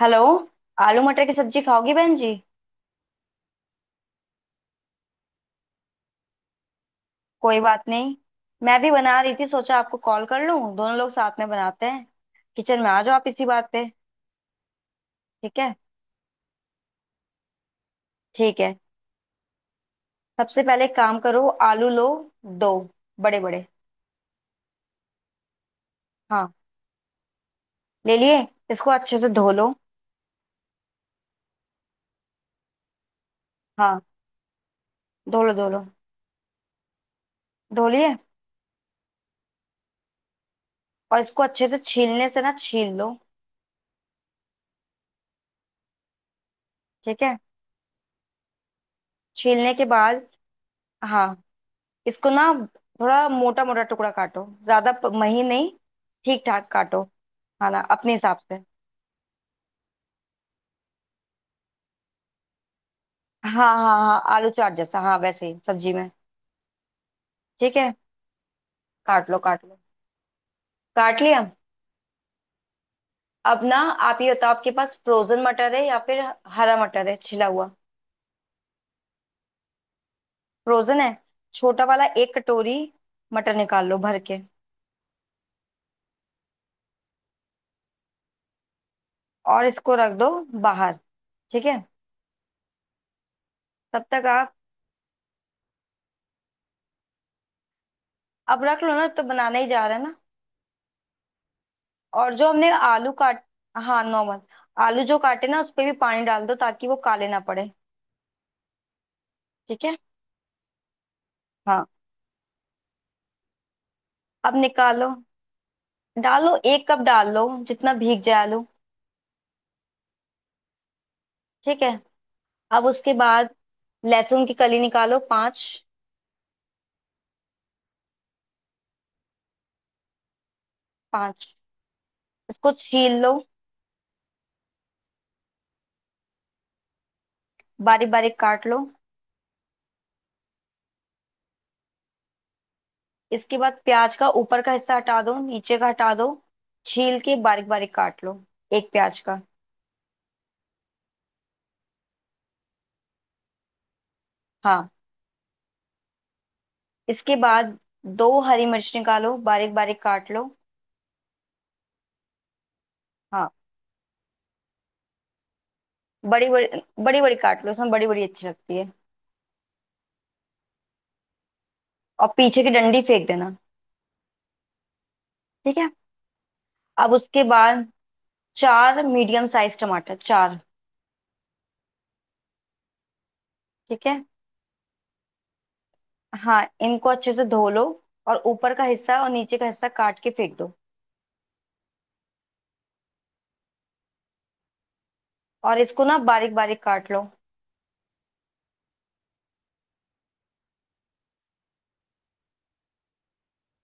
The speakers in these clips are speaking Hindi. हेलो। आलू मटर की सब्जी खाओगी बहन जी? कोई बात नहीं। मैं भी बना रही थी, सोचा आपको कॉल कर लूं, दोनों लोग साथ में बनाते हैं। किचन में आ जाओ आप इसी बात पे। ठीक है, ठीक है। सबसे पहले एक काम करो, आलू लो। दो। बड़े बड़े। हाँ, ले लिए। इसको अच्छे से धो लो। हाँ, धो लो, धो लो। धो लिए। और इसको अच्छे से छीलने से ना छील लो। ठीक है, छीलने के बाद, हाँ, इसको ना थोड़ा मोटा मोटा टुकड़ा काटो, ज्यादा महीन नहीं। ठीक ठाक काटो। हाँ ना, अपने हिसाब से। हाँ, हाँ, हाँ, आलू चाट जैसा, हाँ वैसे ही सब्जी में। ठीक है। काट लो, काट लो। काट लिया। अब ना, आप ये बताओ, आपके पास फ्रोजन मटर है या फिर हरा मटर है छिला हुआ? फ्रोजन है। छोटा वाला एक कटोरी मटर निकाल लो भर के। और इसको रख दो बाहर। ठीक है, तब तक आप, अब रख लो ना तो बनाना ही जा रहा है ना। और जो हमने आलू काट, हाँ, नॉर्मल। आलू जो काटे ना उस पे भी पानी डाल दो ताकि वो काले ना पड़े। ठीक है। हाँ। अब निकालो। डालो एक कप, डाल लो जितना भीग जाए आलू। ठीक है। अब उसके बाद लहसुन की कली निकालो पांच। पांच। इसको छील लो। बारीक बारीक काट लो। इसके बाद प्याज का ऊपर का हिस्सा हटा दो, नीचे का हटा दो, छील के बारीक बारीक काट लो, एक प्याज का। हाँ। इसके बाद दो हरी मिर्च निकालो, बारीक बारीक काट लो। हाँ। बड़ी बड़ी, बड़ी बड़ी काट लो, उसमें बड़ी बड़ी अच्छी लगती है। और पीछे की डंडी फेंक देना। ठीक है। अब उसके बाद चार मीडियम साइज टमाटर, चार। ठीक है। हाँ, इनको अच्छे से धो लो। और ऊपर का हिस्सा और नीचे का हिस्सा काट के फेंक दो। और इसको ना बारीक बारीक काट लो।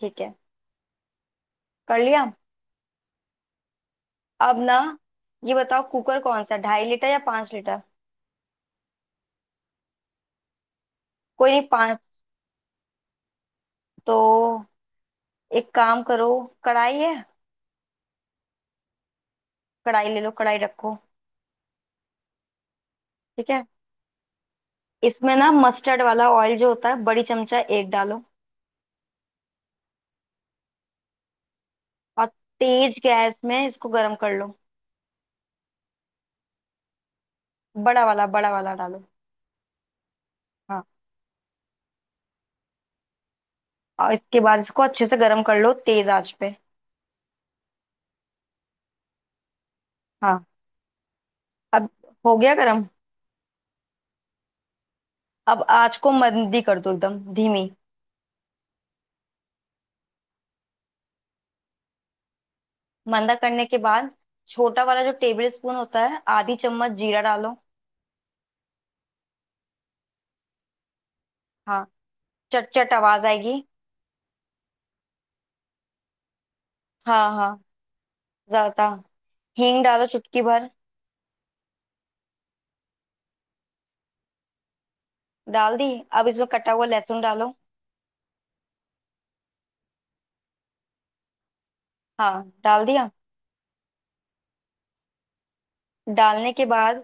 ठीक है, कर लिया। अब ना, ये बताओ कुकर कौन सा, 2.5 लीटर या 5 लीटर? कोई नहीं, पांच। तो एक काम करो, कढ़ाई है? कढ़ाई ले लो, कढ़ाई रखो। ठीक है। इसमें ना मस्टर्ड वाला ऑयल जो होता है बड़ी चमचा एक डालो। और तेज गैस में इसको गर्म कर लो। बड़ा वाला, बड़ा वाला डालो। हाँ। और इसके बाद इसको अच्छे से गर्म कर लो तेज आंच पे। हाँ। अब हो गया गर्म? अब आँच को मंदी कर दो, एकदम धीमी। मंदा करने के बाद छोटा वाला जो टेबल स्पून होता है, आधी चम्मच जीरा डालो। हाँ। चट चट आवाज आएगी। हाँ हाँ, ज्यादा। हींग डालो चुटकी भर। डाल दी। अब इसमें कटा हुआ लहसुन डालो। हाँ, डाल दिया। डालने के बाद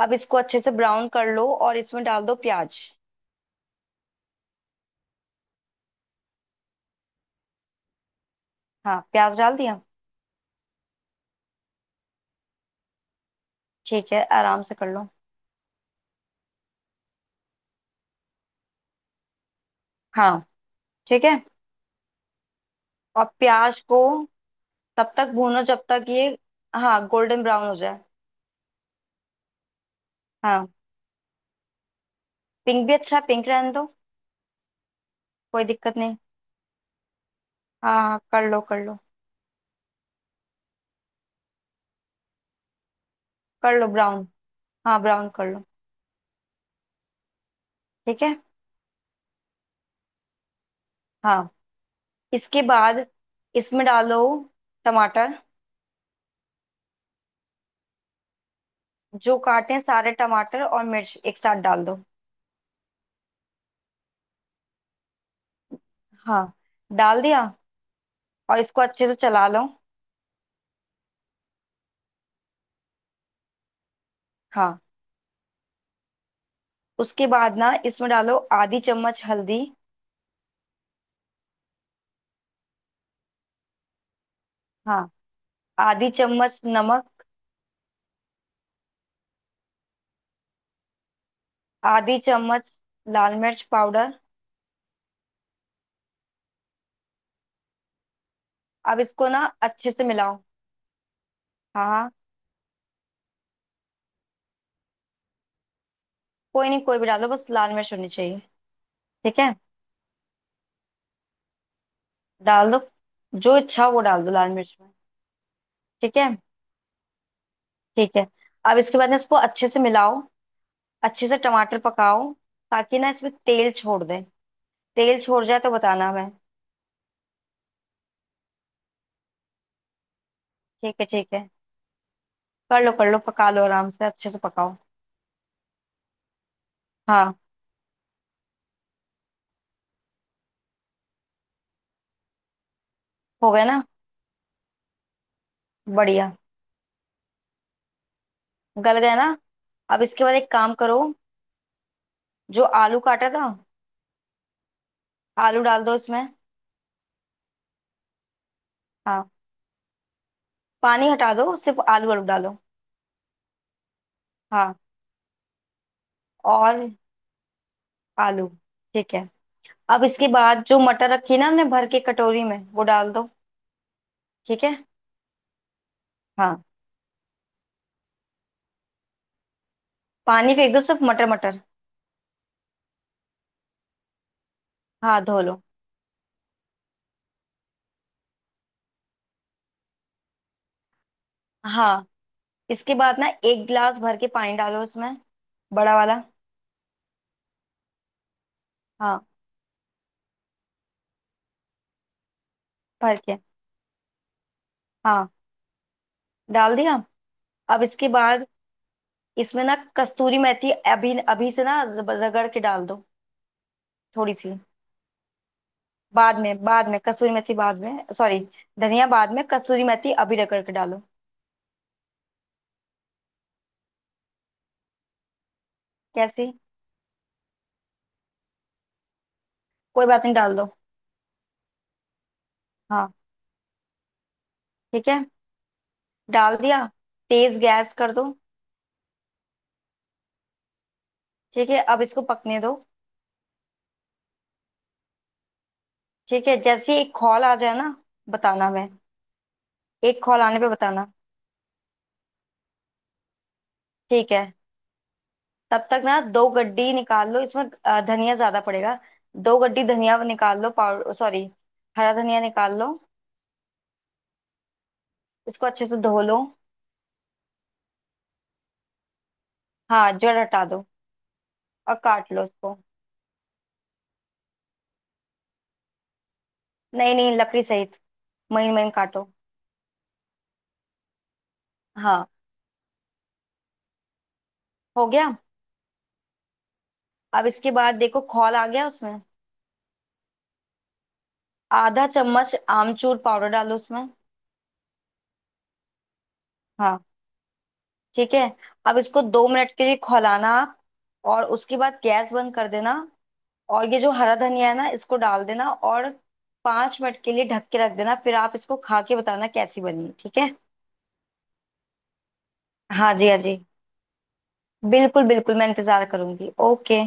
अब इसको अच्छे से ब्राउन कर लो और इसमें डाल दो प्याज। हाँ, प्याज डाल दिया। ठीक है, आराम से कर लो। हाँ, ठीक है। और प्याज को तब तक भूनो जब तक ये, हाँ, गोल्डन ब्राउन हो जाए। हाँ, पिंक भी अच्छा है, पिंक रहने दो। कोई दिक्कत नहीं। हाँ हाँ, कर लो, कर लो। कर लो ब्राउन। हाँ, ब्राउन कर लो। ठीक है। हाँ। इसके बाद इसमें डालो टमाटर। जो काटे हैं सारे टमाटर और मिर्च एक साथ डाल दो। हाँ, डाल दिया। और इसको अच्छे से चला लो। हाँ। उसके बाद ना इसमें डालो आधी चम्मच हल्दी। हाँ। आधी चम्मच नमक। आधी चम्मच लाल मिर्च पाउडर। अब इसको ना अच्छे से मिलाओ। हाँ हाँ, कोई नहीं, कोई भी डालो बस लाल मिर्च होनी चाहिए। ठीक है, डाल दो। जो इच्छा हो वो डाल दो लाल मिर्च में। ठीक है, ठीक है। अब इसके बाद ना इसको अच्छे से मिलाओ, अच्छे से टमाटर पकाओ, ताकि ना इसमें तेल छोड़ दे। तेल छोड़ जाए तो बताना मैं। ठीक है, ठीक है, कर लो, कर लो, पका लो आराम से अच्छे से पकाओ। हाँ। हो गया ना? बढ़िया। गल गया ना? अब इसके बाद एक काम करो, जो आलू काटा था, आलू डाल दो इसमें। हाँ, पानी हटा दो, सिर्फ आलू, आलू डालो। हाँ। और आलू, ठीक है। अब इसके बाद जो मटर रखी ना हमने भर के कटोरी में, वो डाल दो। ठीक है। हाँ, पानी फेंक दो सिर्फ मटर, मटर। हाँ, धो लो। हाँ, इसके बाद ना एक गिलास भर के पानी डालो उसमें, बड़ा वाला। हाँ, भर के। हाँ, डाल दिया। अब इसके बाद इसमें ना कस्तूरी मेथी अभी अभी से ना रगड़ के डाल दो। थोड़ी सी। बाद में, बाद में कस्तूरी मेथी बाद में, सॉरी, धनिया बाद में, कस्तूरी मेथी अभी रगड़ के डालो। कैसी? कोई बात नहीं, डाल दो। हाँ, ठीक है, डाल दिया। तेज गैस कर दो। ठीक है, अब इसको पकने दो। ठीक है, जैसे ही एक कॉल आ जाए ना बताना मैं, एक कॉल आने पे बताना। ठीक है, तब तक ना दो गड्डी निकाल लो, इसमें धनिया ज्यादा पड़ेगा। दो गड्डी धनिया निकाल लो, पाउडर, सॉरी, हरा धनिया निकाल लो। इसको अच्छे से धो लो। हाँ, जड़ हटा दो। और काट लो इसको। नहीं नहीं, लकड़ी सहित महीन महीन काटो। हाँ, हो गया। अब इसके बाद देखो खौल आ गया उसमें? आधा चम्मच आमचूर पाउडर डालो उसमें। हाँ, ठीक है। अब इसको 2 मिनट के लिए खौलाना आप, और उसके बाद गैस बंद कर देना, और ये जो हरा धनिया है ना इसको डाल देना, और 5 मिनट के लिए ढक के रख देना। फिर आप इसको खा के बताना कैसी बनी, ठीक है? हाँ जी, हाँ जी, बिल्कुल बिल्कुल, मैं इंतजार करूंगी। ओके।